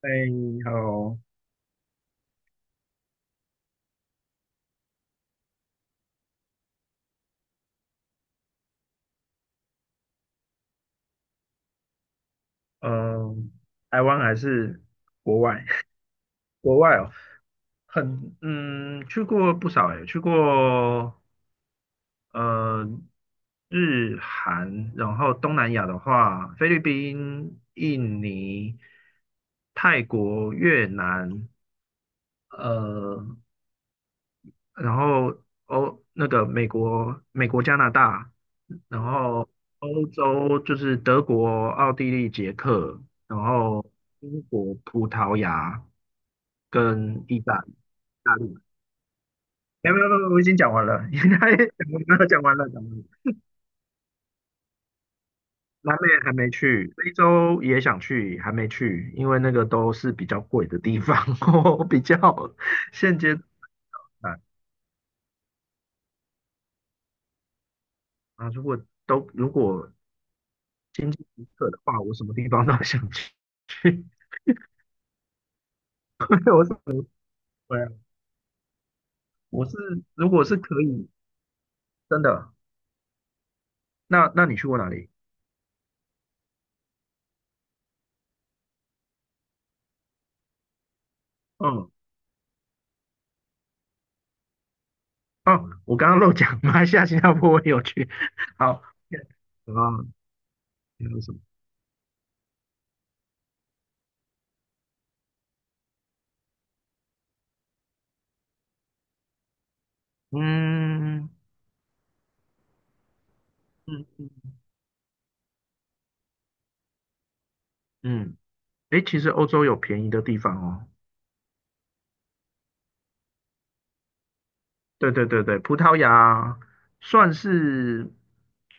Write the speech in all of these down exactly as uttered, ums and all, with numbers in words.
哎你好。嗯，台湾还是国外？国外哦，很嗯，去过不少诶，去过呃日韩，然后东南亚的话，菲律宾、印尼、泰国、越南，呃，然后欧那个美国、美国、加拿大，然后欧洲就是德国、奥地利、捷克，然后英国、葡萄牙跟意大利。大陆没有没有没有，我已经讲完了，应该讲完了，讲完了，讲完了。南美还没去，非洲也想去，还没去，因为那个都是比较贵的地方，我比较现阶段啊，如果都如果经济许可的话，我什么地方都 想去。对，我是对啊，我是如果是可以，真的，那那你去过哪里？嗯，哦，我刚刚漏讲，马来西亚、新加坡我也有去。好，啊，还有什么？嗯嗯嗯嗯，诶，其实欧洲有便宜的地方哦。对对对对，葡萄牙算是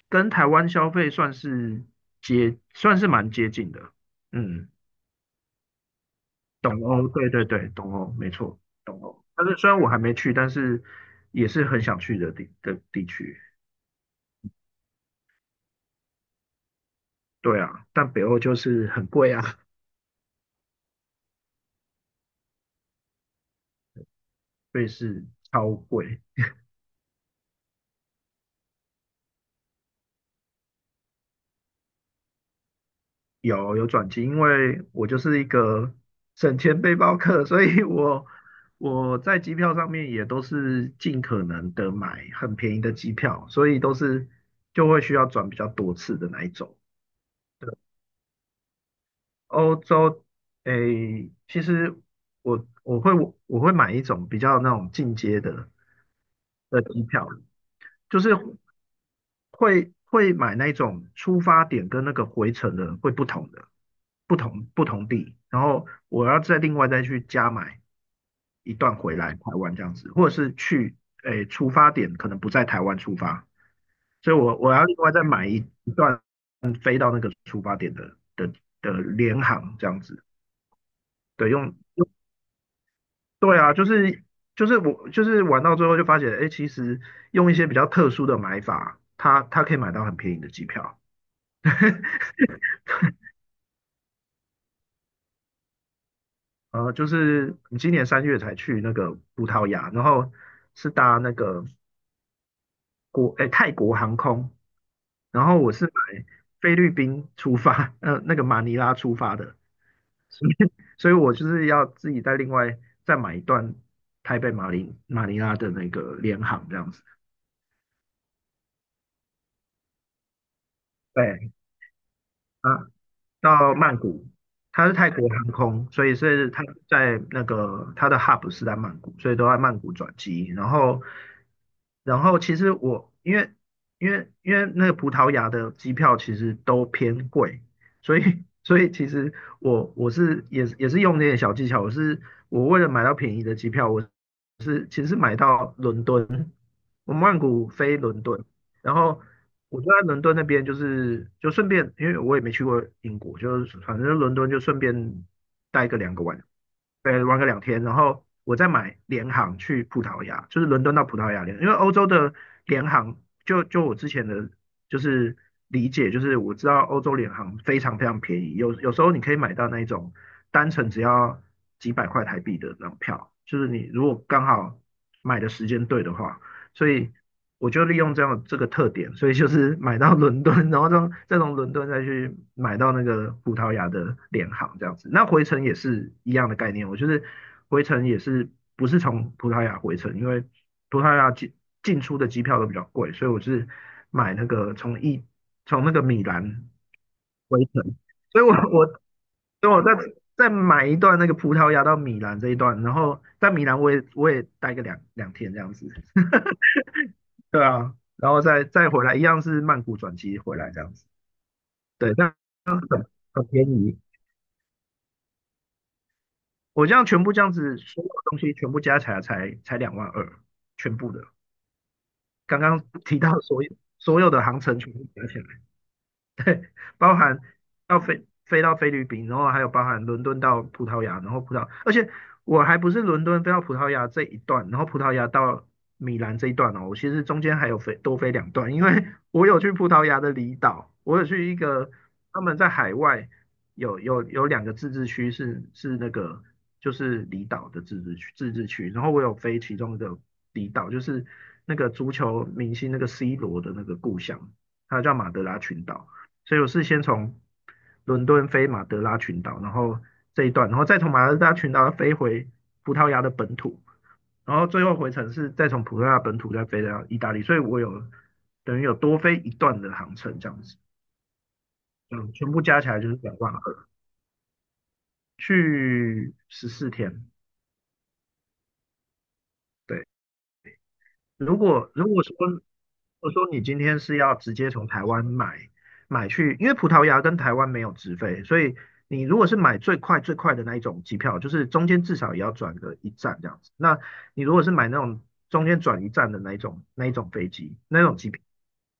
跟台湾消费算是接，算是蛮接近的。嗯。东欧，对对对，东欧，没错，东欧。但是虽然我还没去，但是也是很想去的地的地区。对啊，但北欧就是很贵啊，瑞士超贵。有有转机，因为我就是一个省钱背包客，所以我我在机票上面也都是尽可能的买很便宜的机票，所以都是就会需要转比较多次的那一种。欧洲，诶，其实我我会我会买一种比较那种进阶的的机票，就是会会买那种出发点跟那个回程的会不同的，不同不同地，然后我要再另外再去加买一段回来台湾这样子，或者是去诶出发点可能不在台湾出发，所以我我要另外再买一一段飞到那个出发点的的的联航这样子，对，用。对啊，就是就是我就是玩到最后就发现，哎，其实用一些比较特殊的买法，它它可以买到很便宜的机票。呃，就是你今年三月才去那个葡萄牙，然后是搭那个国哎泰国航空，然后我是买菲律宾出发，呃那个马尼拉出发的，所以我就是要自己再另外再买一段台北马尼马尼拉的那个联航这样子。对啊，到曼谷，它是泰国航空，所以是它在那个它的 hub 是在曼谷，所以都在曼谷转机。然后，然后其实我因为因为因为那个葡萄牙的机票其实都偏贵，所以所以其实我我是也是也是用那些小技巧，我是我为了买到便宜的机票，我是其实是买到伦敦。我曼谷飞伦敦，然后我就在伦敦那边，就是就顺便，因为我也没去过英国，就是反正伦敦就顺便待个两个晚，对，玩个两天，然后我再买联航去葡萄牙，就是伦敦到葡萄牙联，因为欧洲的联航，就就我之前的就是理解，就是我知道欧洲联航非常非常便宜，有有时候你可以买到那种单程只要几百块台币的那种票，就是你如果刚好买的时间对的话。所以我就利用这样这个特点，所以就是买到伦敦，然后从再从伦敦再去买到那个葡萄牙的联航这样子。那回程也是一样的概念，我就是回程也是不是从葡萄牙回程，因为葡萄牙进进出的机票都比较贵，所以我是买那个从一从那个米兰回程，所以我我所以我在。再买一段那个葡萄牙到米兰这一段，然后在米兰我也我也待个两两天这样子。对啊，然后再再回来，一样是曼谷转机回来这样子，对，那很便宜。我这样全部这样子，所有东西全部加起来才才两万二，全部的。刚刚提到所有所有的航程全部加起来，对，包含要飞飞到菲律宾，然后还有包含伦敦到葡萄牙，然后葡萄，而且我还不是伦敦飞到葡萄牙这一段，然后葡萄牙到米兰这一段哦，我其实中间还有飞多飞两段，因为 我有去葡萄牙的离岛，我有去一个他们在海外有有有两个自治区是是那个就是离岛的自治区自治区，然后我有飞其中一个离岛，就是那个足球明星那个 C 罗的那个故乡，它叫马德拉群岛。所以我是先从伦敦飞马德拉群岛，然后这一段，然后再从马德拉群岛飞回葡萄牙的本土，然后最后回程是再从葡萄牙本土再飞到意大利，所以我有等于有多飞一段的航程这样子，嗯，全部加起来就是两万二，去十四天，对，如果如果说我说你今天是要直接从台湾买买去，因为葡萄牙跟台湾没有直飞，所以你如果是买最快最快的那一种机票，就是中间至少也要转个一站这样子。那你如果是买那种中间转一站的那一种那一种飞机那种机票，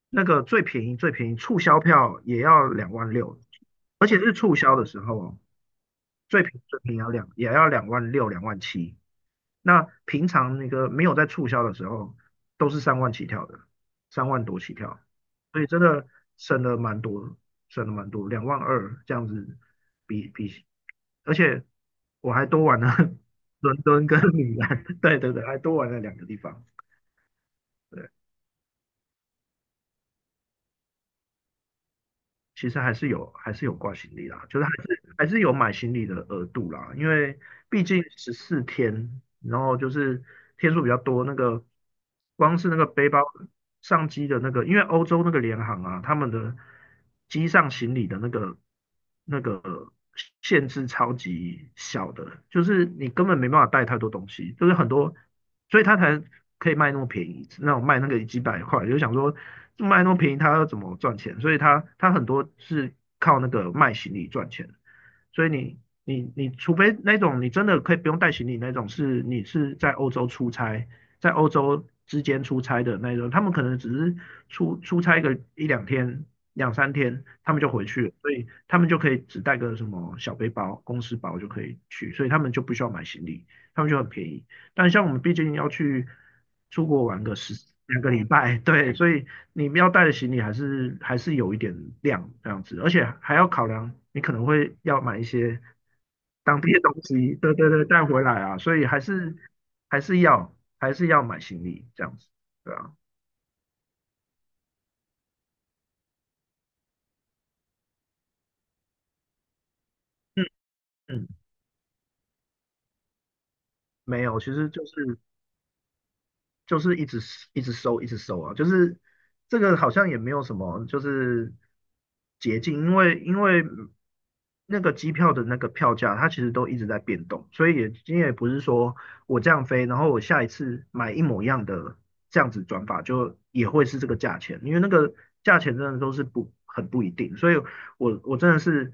那个最便宜最便宜促销票也要两万六，而且是促销的时候哦。最平宜最便宜要两也要两万六、两万七。那平常那个没有在促销的时候，都是三万起跳的，三万多起跳，所以真的省了蛮多，省了蛮多，两万二这样子比比，而且我还多玩了 伦敦跟米兰，对对对，还多玩了两个地方。对。其实还是有还是有挂行李啦，就是还是还是有买行李的额度啦，因为毕竟十四天，然后就是天数比较多，那个光是那个背包上机的那个，因为欧洲那个联航啊，他们的机上行李的那个那个限制超级小的，就是你根本没办法带太多东西，就是很多，所以他才可以卖那么便宜，那种卖那个几百块，就想说卖那么便宜，他要怎么赚钱？所以他他很多是靠那个卖行李赚钱，所以你你你除非那种你真的可以不用带行李那种，是你是在欧洲出差，在欧洲之间出差的那种，他们可能只是出出差个一两天，两三天，他们就回去了，所以他们就可以只带个什么小背包、公司包就可以去，所以他们就不需要买行李，他们就很便宜。但像我们毕竟要去出国玩个十两个礼拜，对，所以你们要带的行李还是还是有一点量这样子，而且还要考量你可能会要买一些当地的东西，对对对，带回来啊，所以还是还是要还是要买行李这样子，对啊。嗯嗯，没有，其实就是就是一直一直收，一直收啊，就是这个好像也没有什么就是捷径，因为因为那个机票的那个票价，它其实都一直在变动，所以也今天也不是说我这样飞，然后我下一次买一模一样的这样子转法，就也会是这个价钱，因为那个价钱真的都是不很不一定，所以我我真的是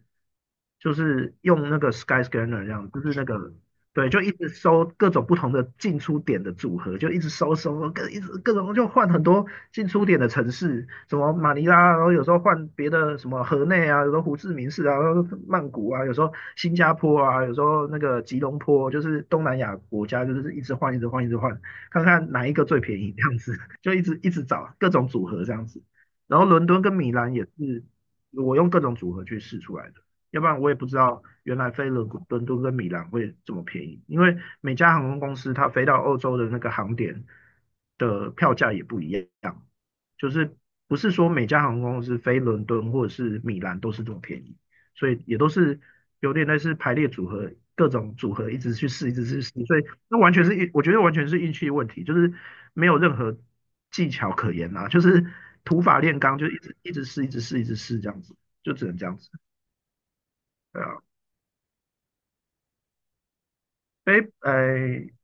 就是用那个 Skyscanner 这样，就是那个对，就一直收各种不同的进出点的组合，就一直收收收，各一直各种就换很多进出点的城市，什么马尼拉啊，然后有时候换别的什么河内啊，有时候胡志明市啊，然后曼谷啊，有时候新加坡啊，有时候那个吉隆坡，就是东南亚国家，就是一直换，一直换，一直换，看看哪一个最便宜这样子，就一直一直找各种组合这样子。然后伦敦跟米兰也是我用各种组合去试出来的。要不然我也不知道原来飞伦伦敦跟米兰会这么便宜，因为每家航空公司它飞到欧洲的那个航点的票价也不一样，就是不是说每家航空公司飞伦敦或者是米兰都是这么便宜，所以也都是有点类似排列组合，各种组合一直去试，一直去试，所以那完全是运，我觉得完全是运气问题，就是没有任何技巧可言啊，就是土法炼钢，就一直一直试，一直试，一直试这样子，就只能这样子，对啊。背，呃，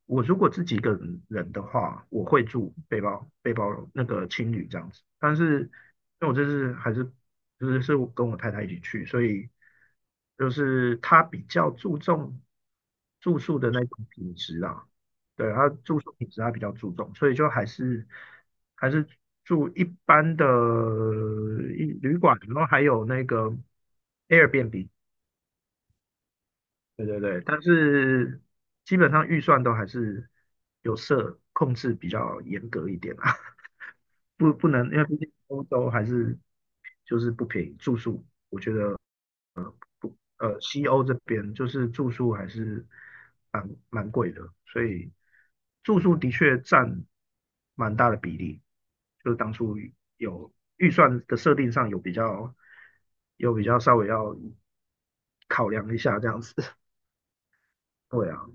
我如果自己一个人人的话，我会住背包背包那个青旅这样子。但是，因为我这次还是就是是我跟我太太一起去，所以就是她比较注重住宿的那种品质啊，对，她住宿品质她比较注重，所以就还是还是住一般的呃一旅馆，然后还有那个 Airbnb。对对对，但是基本上预算都还是有设控制比较严格一点啊，不不能，因为毕竟欧洲还是就是不便宜，住宿不呃西欧这边就是住宿还是蛮蛮贵的，所以住宿的确占蛮大的比例，就是当初有预算的设定上有比较有比较稍微要考量一下这样子，对啊。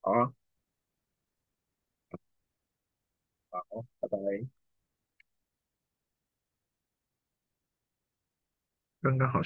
好啊好，拜拜。刚刚好。像。